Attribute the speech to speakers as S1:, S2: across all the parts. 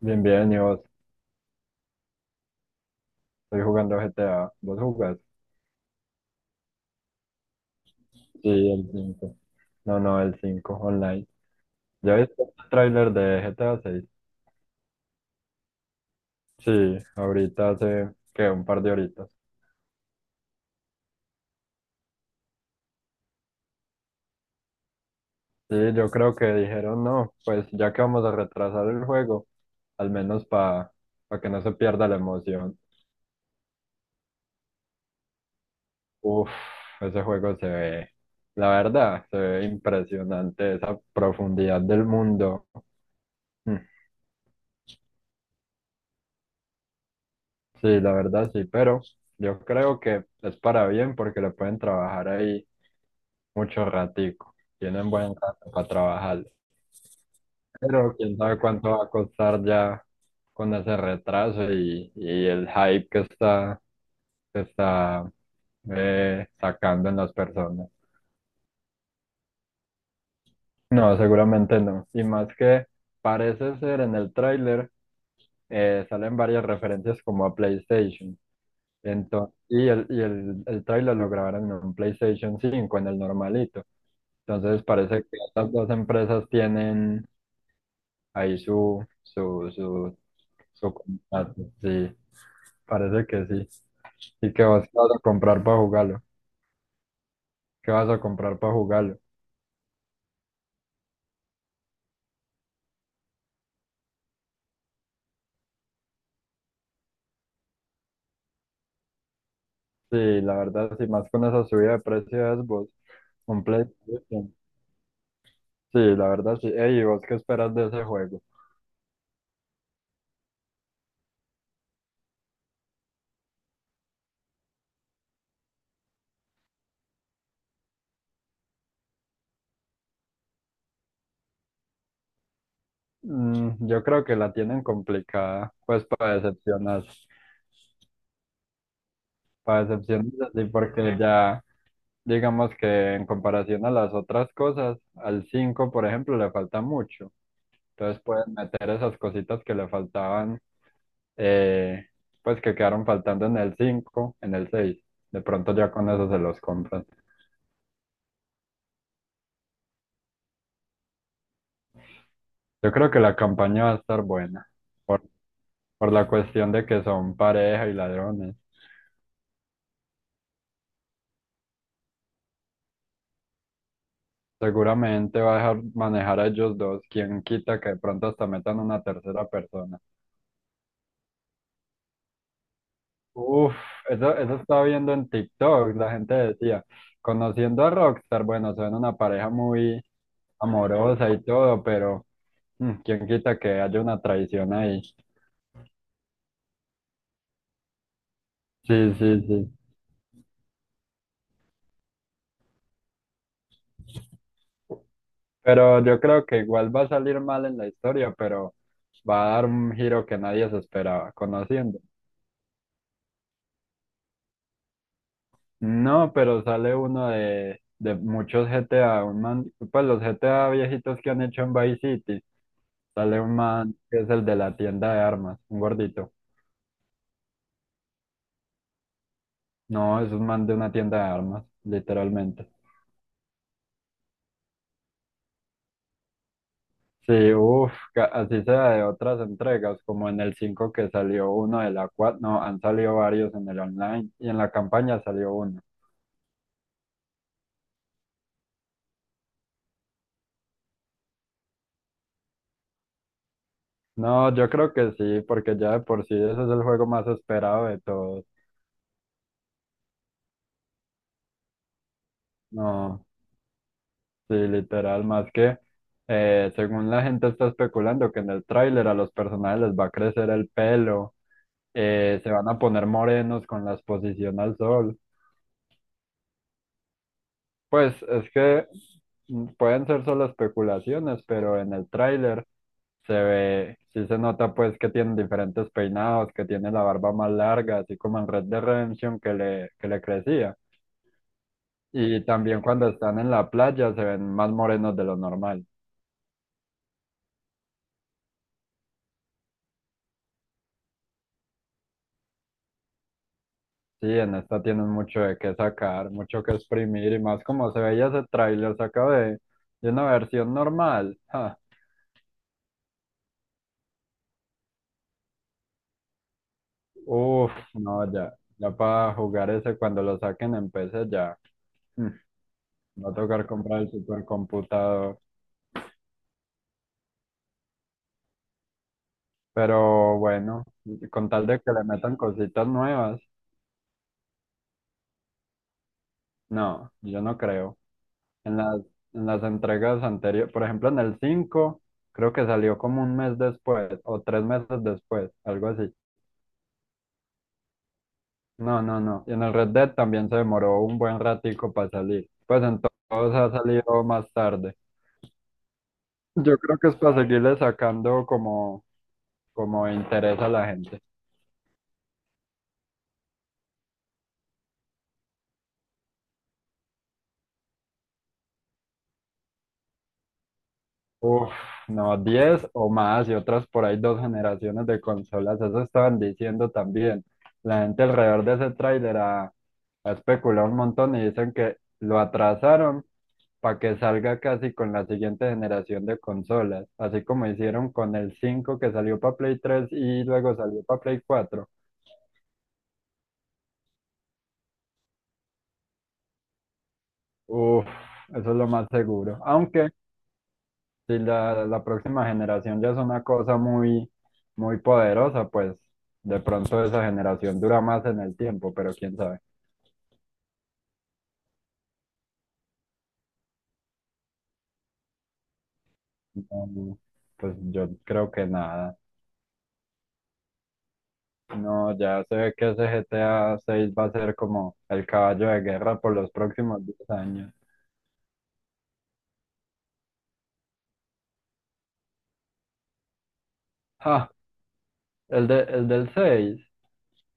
S1: Bien, bien, y vos, estoy jugando GTA. ¿Vos jugás? Sí, el 5. No, no, el 5 online. ¿Ya viste el tráiler de GTA 6? Sí, ahorita hace, que un par de horitas. Sí, yo creo que dijeron, no, pues ya que vamos a retrasar el juego, al menos para que no se pierda la emoción. Uf, ese juego se ve, la verdad, se ve impresionante, esa profundidad del mundo. Sí, la verdad sí, pero yo creo que es para bien porque le pueden trabajar ahí mucho ratico. Tienen buen rato para trabajar. Pero quién sabe cuánto va a costar ya con ese retraso y el hype que está sacando en las personas. No, seguramente no. Y más que parece ser en el tráiler, salen varias referencias como a PlayStation. Entonces, el tráiler lo grabaron en un PlayStation 5 en el normalito. Entonces parece que estas dos empresas tienen ahí su contrato. Sí, parece que sí. ¿Y que vas a comprar para jugarlo? ¿Qué vas a comprar para jugarlo? Sí, la verdad, sí, más con esa subida de precios, vos, un PlayStation. Sí, la verdad, sí. Ey, ¿y vos qué esperas de ese juego? Yo creo que la tienen complicada, pues para decepcionar. Para decepcionar, sí, porque ya. Digamos que en comparación a las otras cosas, al 5 por ejemplo, le falta mucho. Entonces pueden meter esas cositas que le faltaban, eh, pues que quedaron faltando en el 5 en el seis. De pronto ya con eso se los compran. Yo creo que la campaña va a estar buena, por, por la cuestión de que son pareja y ladrones. Seguramente va a dejar manejar a ellos dos, quien quita que de pronto hasta metan una tercera persona. Uf, eso estaba viendo en TikTok, la gente decía, conociendo a Rockstar, bueno, son una pareja muy amorosa y todo, pero quién quita que haya una traición ahí. Sí, sí, sí. Pero yo creo que igual va a salir mal en la historia, pero va a dar un giro que nadie se esperaba, conociendo. No, pero sale uno de muchos GTA, un man, pues los GTA viejitos que han hecho en Vice City, sale un man que es el de la tienda de armas, un gordito. No, es un man de una tienda de armas, literalmente. Sí, uff, así sea de otras entregas, como en el 5 que salió uno de la 4. No, han salido varios en el online y en la campaña salió uno. No, yo creo que sí, porque ya de por sí ese es el juego más esperado de todos. No, sí, literal, más que según la gente está especulando que en el tráiler a los personajes les va a crecer el pelo, se van a poner morenos con la exposición al sol. Pues es que pueden ser solo especulaciones, pero en el tráiler se ve, sí se nota pues que tienen diferentes peinados, que tiene la barba más larga, así como en Red Dead Redemption que le crecía. Y también cuando están en la playa se ven más morenos de lo normal. Sí, en esta tienen mucho de qué sacar, mucho que exprimir y más como se veía ese tráiler sacado de una versión normal. Ja. Uf, no, ya para jugar ese cuando lo saquen en PC ya. Mm. Va a tocar comprar el supercomputador. Pero bueno, con tal de que le metan cositas nuevas, no, yo no creo. En las, en las entregas anteriores, por ejemplo, en el 5, creo que salió como un mes después o 3 meses después, algo así. No, no, no. Y en el Red Dead también se demoró un buen ratico para salir. Pues en todos ha salido más tarde. Yo creo que es para seguirle sacando como interés a la gente. Uf, no, 10 o más y otras por ahí dos generaciones de consolas, eso estaban diciendo también. La gente alrededor de ese tráiler ha especulado un montón y dicen que lo atrasaron para que salga casi con la siguiente generación de consolas, así como hicieron con el 5 que salió para Play 3 y luego salió para Play 4. Uf, eso es lo más seguro. Aunque si la próxima generación ya es una cosa muy, muy poderosa, pues de pronto esa generación dura más en el tiempo, pero quién sabe. No, no, pues yo creo que nada. No, ya se ve que ese GTA 6 va a ser como el caballo de guerra por los próximos 10 años. Ah, el del 6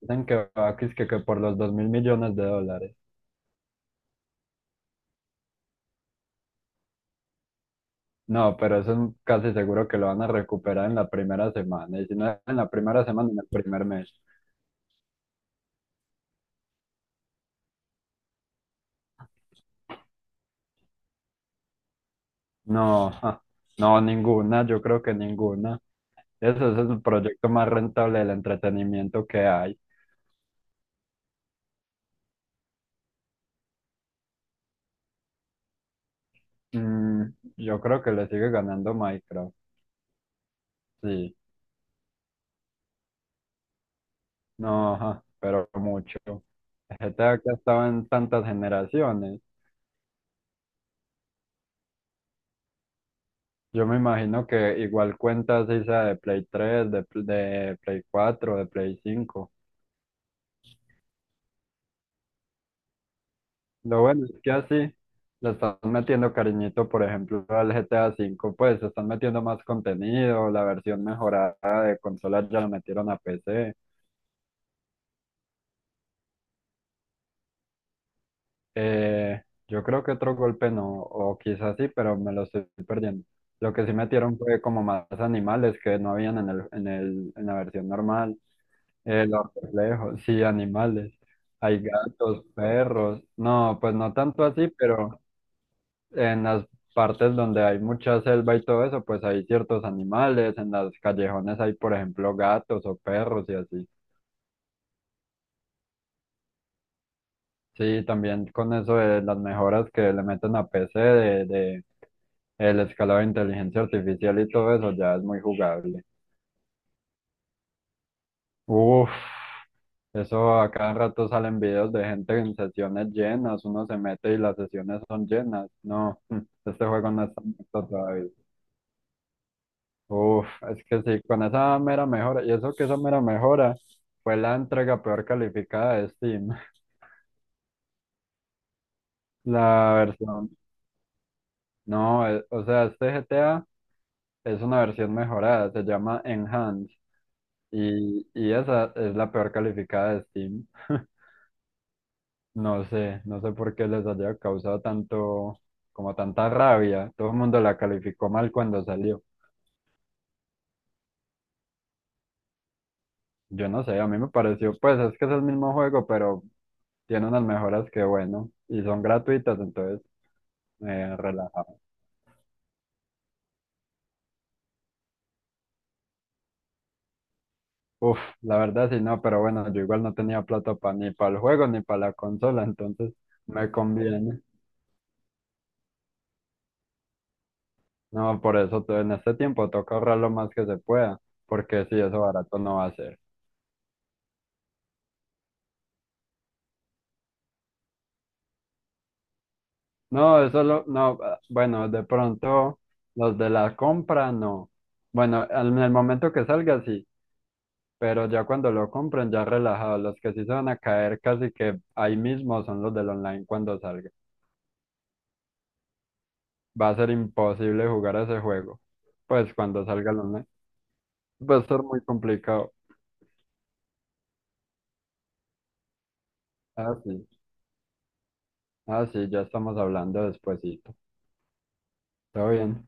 S1: dicen que va que, es que por los 2.000 millones de dólares. No, pero eso es casi seguro que lo van a recuperar en la primera semana. Y si no es en la primera semana, en el primer mes. No, ja, no, ninguna, yo creo que ninguna. Ese es el proyecto más rentable del entretenimiento que hay. Mm, yo creo que le sigue ganando Minecraft, sí, no, ja, pero mucho. GTA que ha estado en tantas generaciones. Yo me imagino que igual cuentas esa de Play 3, de Play 4, de Play 5. Lo bueno es que así le están metiendo cariñito, por ejemplo, al GTA 5 pues están metiendo más contenido, la versión mejorada de consola ya la metieron a PC. Eh, yo creo que otro golpe no, o quizás sí, pero me lo estoy perdiendo. Lo que sí metieron fue como más animales que no habían en la versión normal. Los reflejos, sí, animales. Hay gatos, perros. No, pues no tanto así, pero. En las partes donde hay mucha selva y todo eso, pues hay ciertos animales, en las callejones hay, por ejemplo, gatos o perros y así. Sí, también con eso de las mejoras que le meten a PC de el escalado de inteligencia artificial y todo eso ya es muy jugable. Uf, eso a cada rato salen videos de gente en sesiones llenas, uno se mete y las sesiones son llenas. No, este juego no está muerto todavía. Uf, es que sí, con esa mera mejora, y eso que esa mera mejora fue la entrega peor calificada de Steam. La versión, no, o sea, este GTA es una versión mejorada, se llama Enhanced, y esa es la peor calificada de Steam. No sé por qué les haya causado tanto, como tanta rabia. Todo el mundo la calificó mal cuando salió. Yo no sé, a mí me pareció, pues es que es el mismo juego, pero tiene unas mejoras que bueno, y son gratuitas, entonces. Relajado. Uf, la verdad sí, no, pero bueno, yo igual no tenía plata ni para el juego ni para la consola, entonces me conviene. No, por eso en este tiempo toca ahorrar lo más que se pueda, porque si eso barato no va a ser. No, no, ah, bueno, de pronto los de la compra no. Bueno, en el momento que salga sí, pero ya cuando lo compren ya relajado, los que sí se van a caer casi que ahí mismo son los del online cuando salga. Va a ser imposible jugar ese juego. Pues cuando salga el online. Va a ser muy complicado. Ah, sí. Ah, sí, ya estamos hablando despuesito. Todo bien.